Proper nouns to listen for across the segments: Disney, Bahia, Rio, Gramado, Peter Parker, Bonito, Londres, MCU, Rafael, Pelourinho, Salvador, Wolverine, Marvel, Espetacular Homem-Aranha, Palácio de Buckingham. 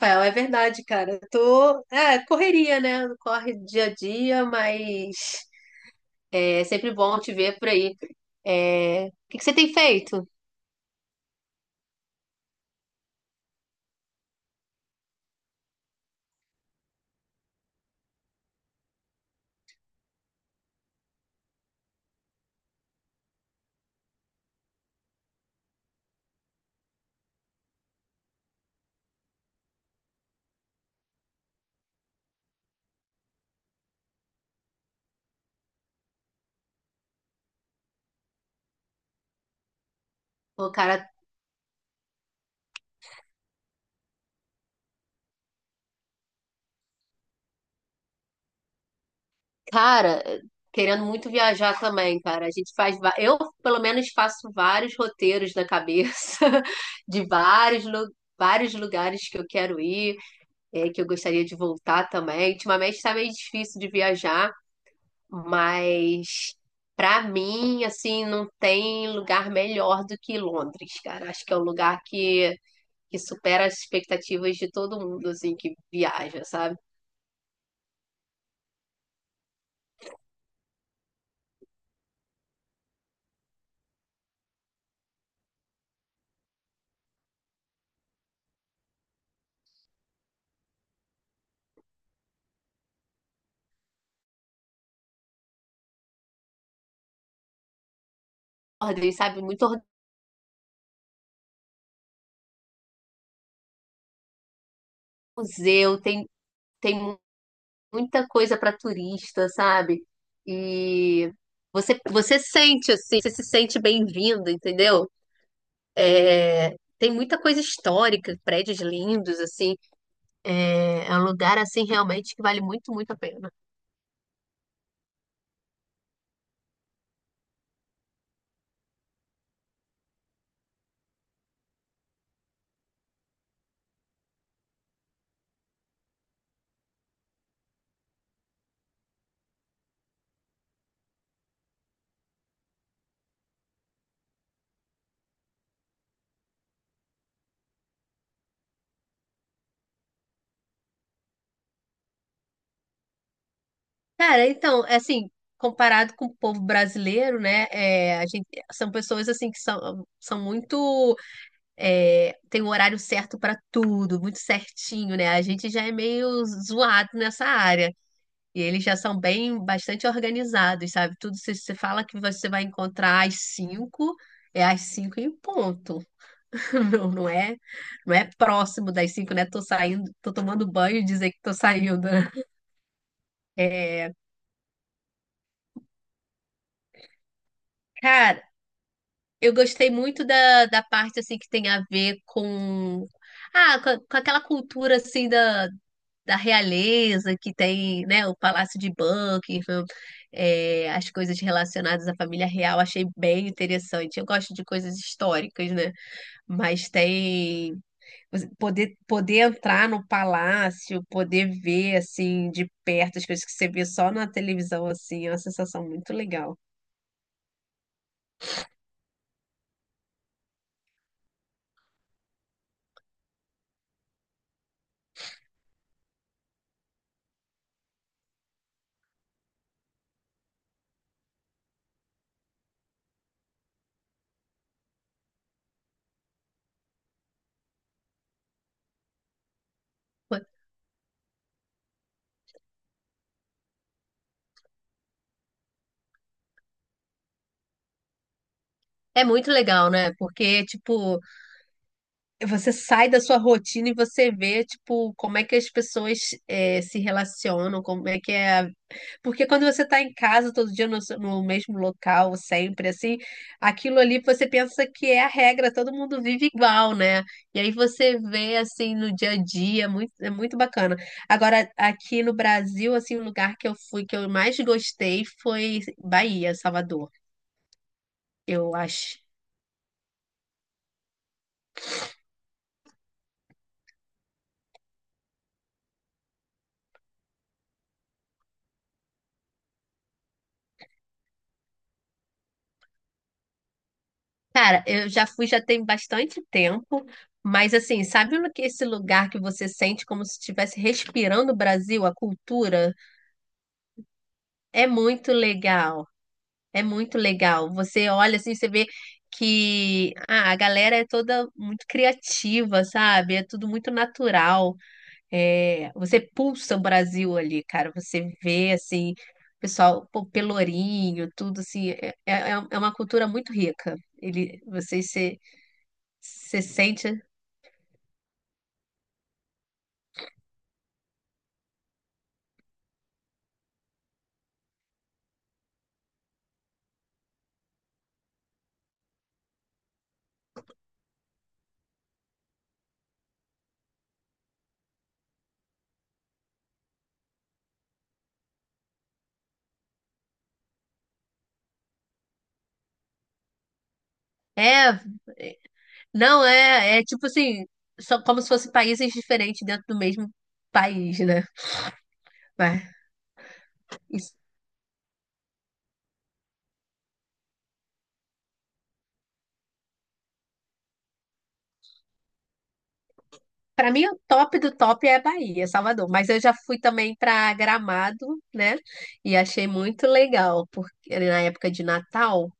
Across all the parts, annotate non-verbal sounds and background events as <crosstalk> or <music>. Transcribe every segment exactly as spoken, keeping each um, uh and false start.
Rafael, é verdade, cara. Eu tô, é, correria, né? Corre dia a dia, mas é sempre bom te ver por aí. É, O que que você tem feito? Pô, cara, cara, querendo muito viajar também, cara. A gente faz, va- eu pelo menos faço vários roteiros na cabeça <laughs> de vários, lu- vários lugares que eu quero ir, é, que eu gostaria de voltar também. Ultimamente tá meio difícil de viajar. Mas para mim, assim, não tem lugar melhor do que Londres, cara. Acho que é um lugar que, que supera as expectativas de todo mundo, assim, que viaja, sabe? Ordem, sabe, muito museu, tem, tem mu- muita coisa para turista, sabe? E você, você sente, assim, você se sente bem-vindo, entendeu? É, tem muita coisa histórica, prédios lindos, assim. É, é um lugar, assim, realmente que vale muito, muito a pena. Cara, então, é assim, comparado com o povo brasileiro, né, é, a gente, são pessoas, assim, que são, são muito, é, tem um horário certo para tudo, muito certinho, né, a gente já é meio zoado nessa área, e eles já são bem, bastante organizados, sabe, tudo, se você fala que você vai encontrar às cinco, é às cinco e ponto, <laughs> não, não é, não é próximo das cinco, né, tô saindo, tô tomando banho e dizer que tô saindo, né? É, cara, Eu gostei muito da, da parte assim que tem a ver com ah, com, com aquela cultura assim da, da realeza que tem, né, o Palácio de Buckingham, é, as coisas relacionadas à família real, achei bem interessante. Eu gosto de coisas históricas, né? Mas tem você poder poder entrar no palácio, poder ver assim de perto as coisas que você vê só na televisão assim, é uma sensação muito legal. É muito legal, né? Porque, tipo, você sai da sua rotina e você vê, tipo, como é que as pessoas eh, se relacionam, como é que é. a- Porque quando você tá em casa todo dia no, seu- no mesmo local, sempre, assim, aquilo ali você pensa que é a regra, todo mundo vive igual, né? E aí você vê, assim, no dia a dia, é muito, é muito bacana. Agora, aqui no Brasil, assim, o lugar que eu fui, que eu mais gostei foi Bahia, Salvador. Eu Cara, eu já fui já tem bastante tempo, mas assim, sabe no que esse lugar que você sente como se estivesse respirando o Brasil, a cultura? É muito legal, é muito legal. Você olha assim, você vê que ah, a galera é toda muito criativa, sabe? É tudo muito natural. É, você pulsa o Brasil ali, cara. Você vê assim, o pessoal, pô, Pelourinho, tudo assim. É, é, é uma cultura muito rica. Ele, você se você sente. É, não é, é tipo assim, são como se fossem países diferentes dentro do mesmo país, né? Mas isso- pra mim o top do top é a Bahia, Salvador, mas eu já fui também pra Gramado, né? E achei muito legal, porque na época de Natal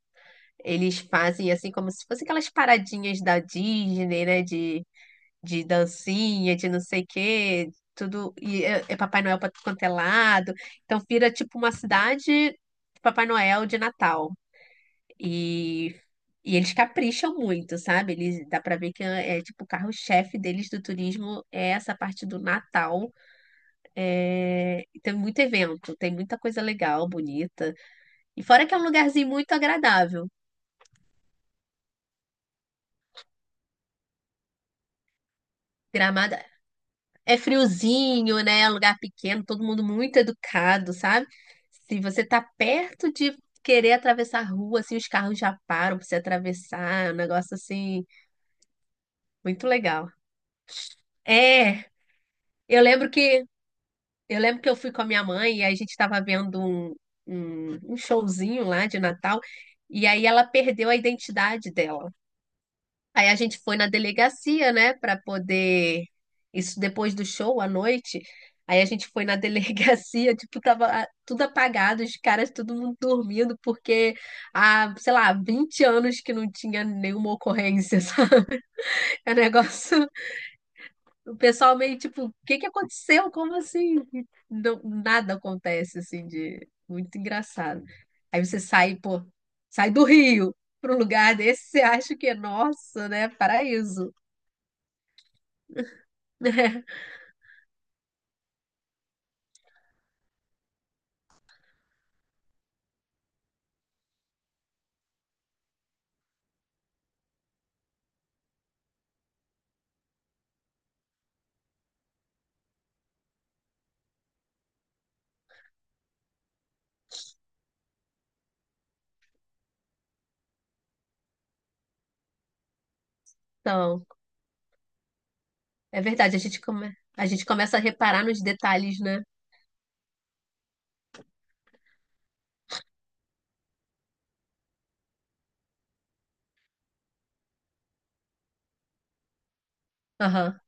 eles fazem assim como se fossem aquelas paradinhas da Disney, né? De de dancinha, de não sei o quê, tudo. E é, é Papai Noel para tudo quanto é lado. Então vira tipo uma cidade de Papai Noel de Natal. E, e eles capricham muito, sabe? Eles, dá para ver que é, é, tipo o carro-chefe deles do turismo é essa parte do Natal. É, e tem muito evento, tem muita coisa legal, bonita. E fora que é um lugarzinho muito agradável. Gramado, é friozinho, né? Lugar pequeno, todo mundo muito educado, sabe? Se você tá perto de querer atravessar a rua, assim, os carros já param pra você atravessar, é um negócio assim, muito legal. É, eu lembro que eu lembro que eu fui com a minha mãe e aí a gente tava vendo um, um, um showzinho lá de Natal, e aí ela perdeu a identidade dela. Aí a gente foi na delegacia, né, para poder. Isso depois do show à noite. Aí a gente foi na delegacia, <laughs> tipo, tava ah, tudo apagado, os caras, todo mundo dormindo, porque há, sei lá, vinte anos que não tinha nenhuma ocorrência, <laughs> sabe? É um negócio. O pessoal meio tipo, o que que aconteceu? Como assim? Não- nada acontece, assim, de. Muito engraçado. Aí você sai, pô, sai do Rio para um lugar desse, você acha que é nossa, né? Paraíso. <laughs> Então, é verdade, a gente come... a gente começa a reparar nos detalhes, né? Aham.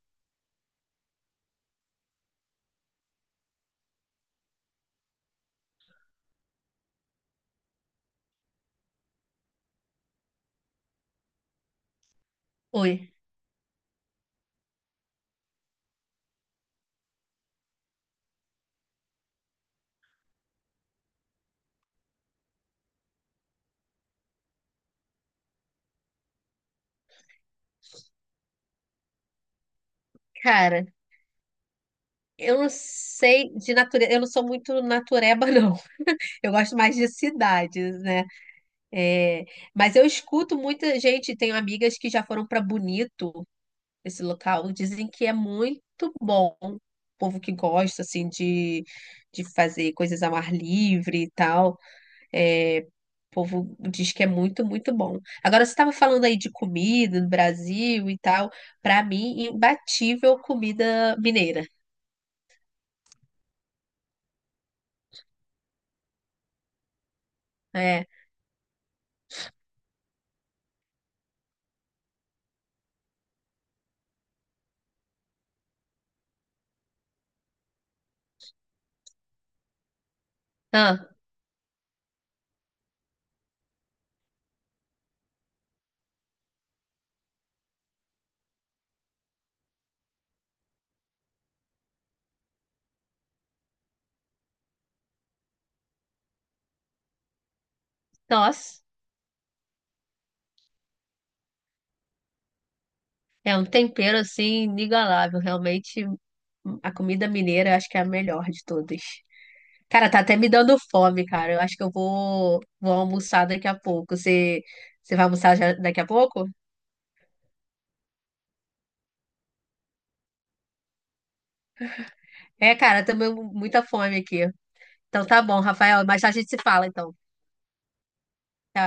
Oi. Cara, eu não sei de natureza, eu não sou muito natureba, não. <laughs> Eu gosto mais de cidades, né? É, mas eu escuto muita gente, tenho amigas que já foram para Bonito, esse local, dizem que é muito bom. O povo que gosta, assim, de, de fazer coisas ao ar livre e tal. É, o povo diz que é muito, muito bom. Agora, você estava falando aí de comida no Brasil e tal. Para mim, imbatível comida mineira. É. Ah, nossa, é um tempero assim inigualável. Realmente, a comida mineira eu acho que é a melhor de todas. Cara, tá até me dando fome, cara. Eu acho que eu vou, vou almoçar daqui a pouco. Você, você vai almoçar já daqui a pouco? É, cara, também muita fome aqui. Então tá bom, Rafael. Mais tarde a gente se fala, então. Tchau.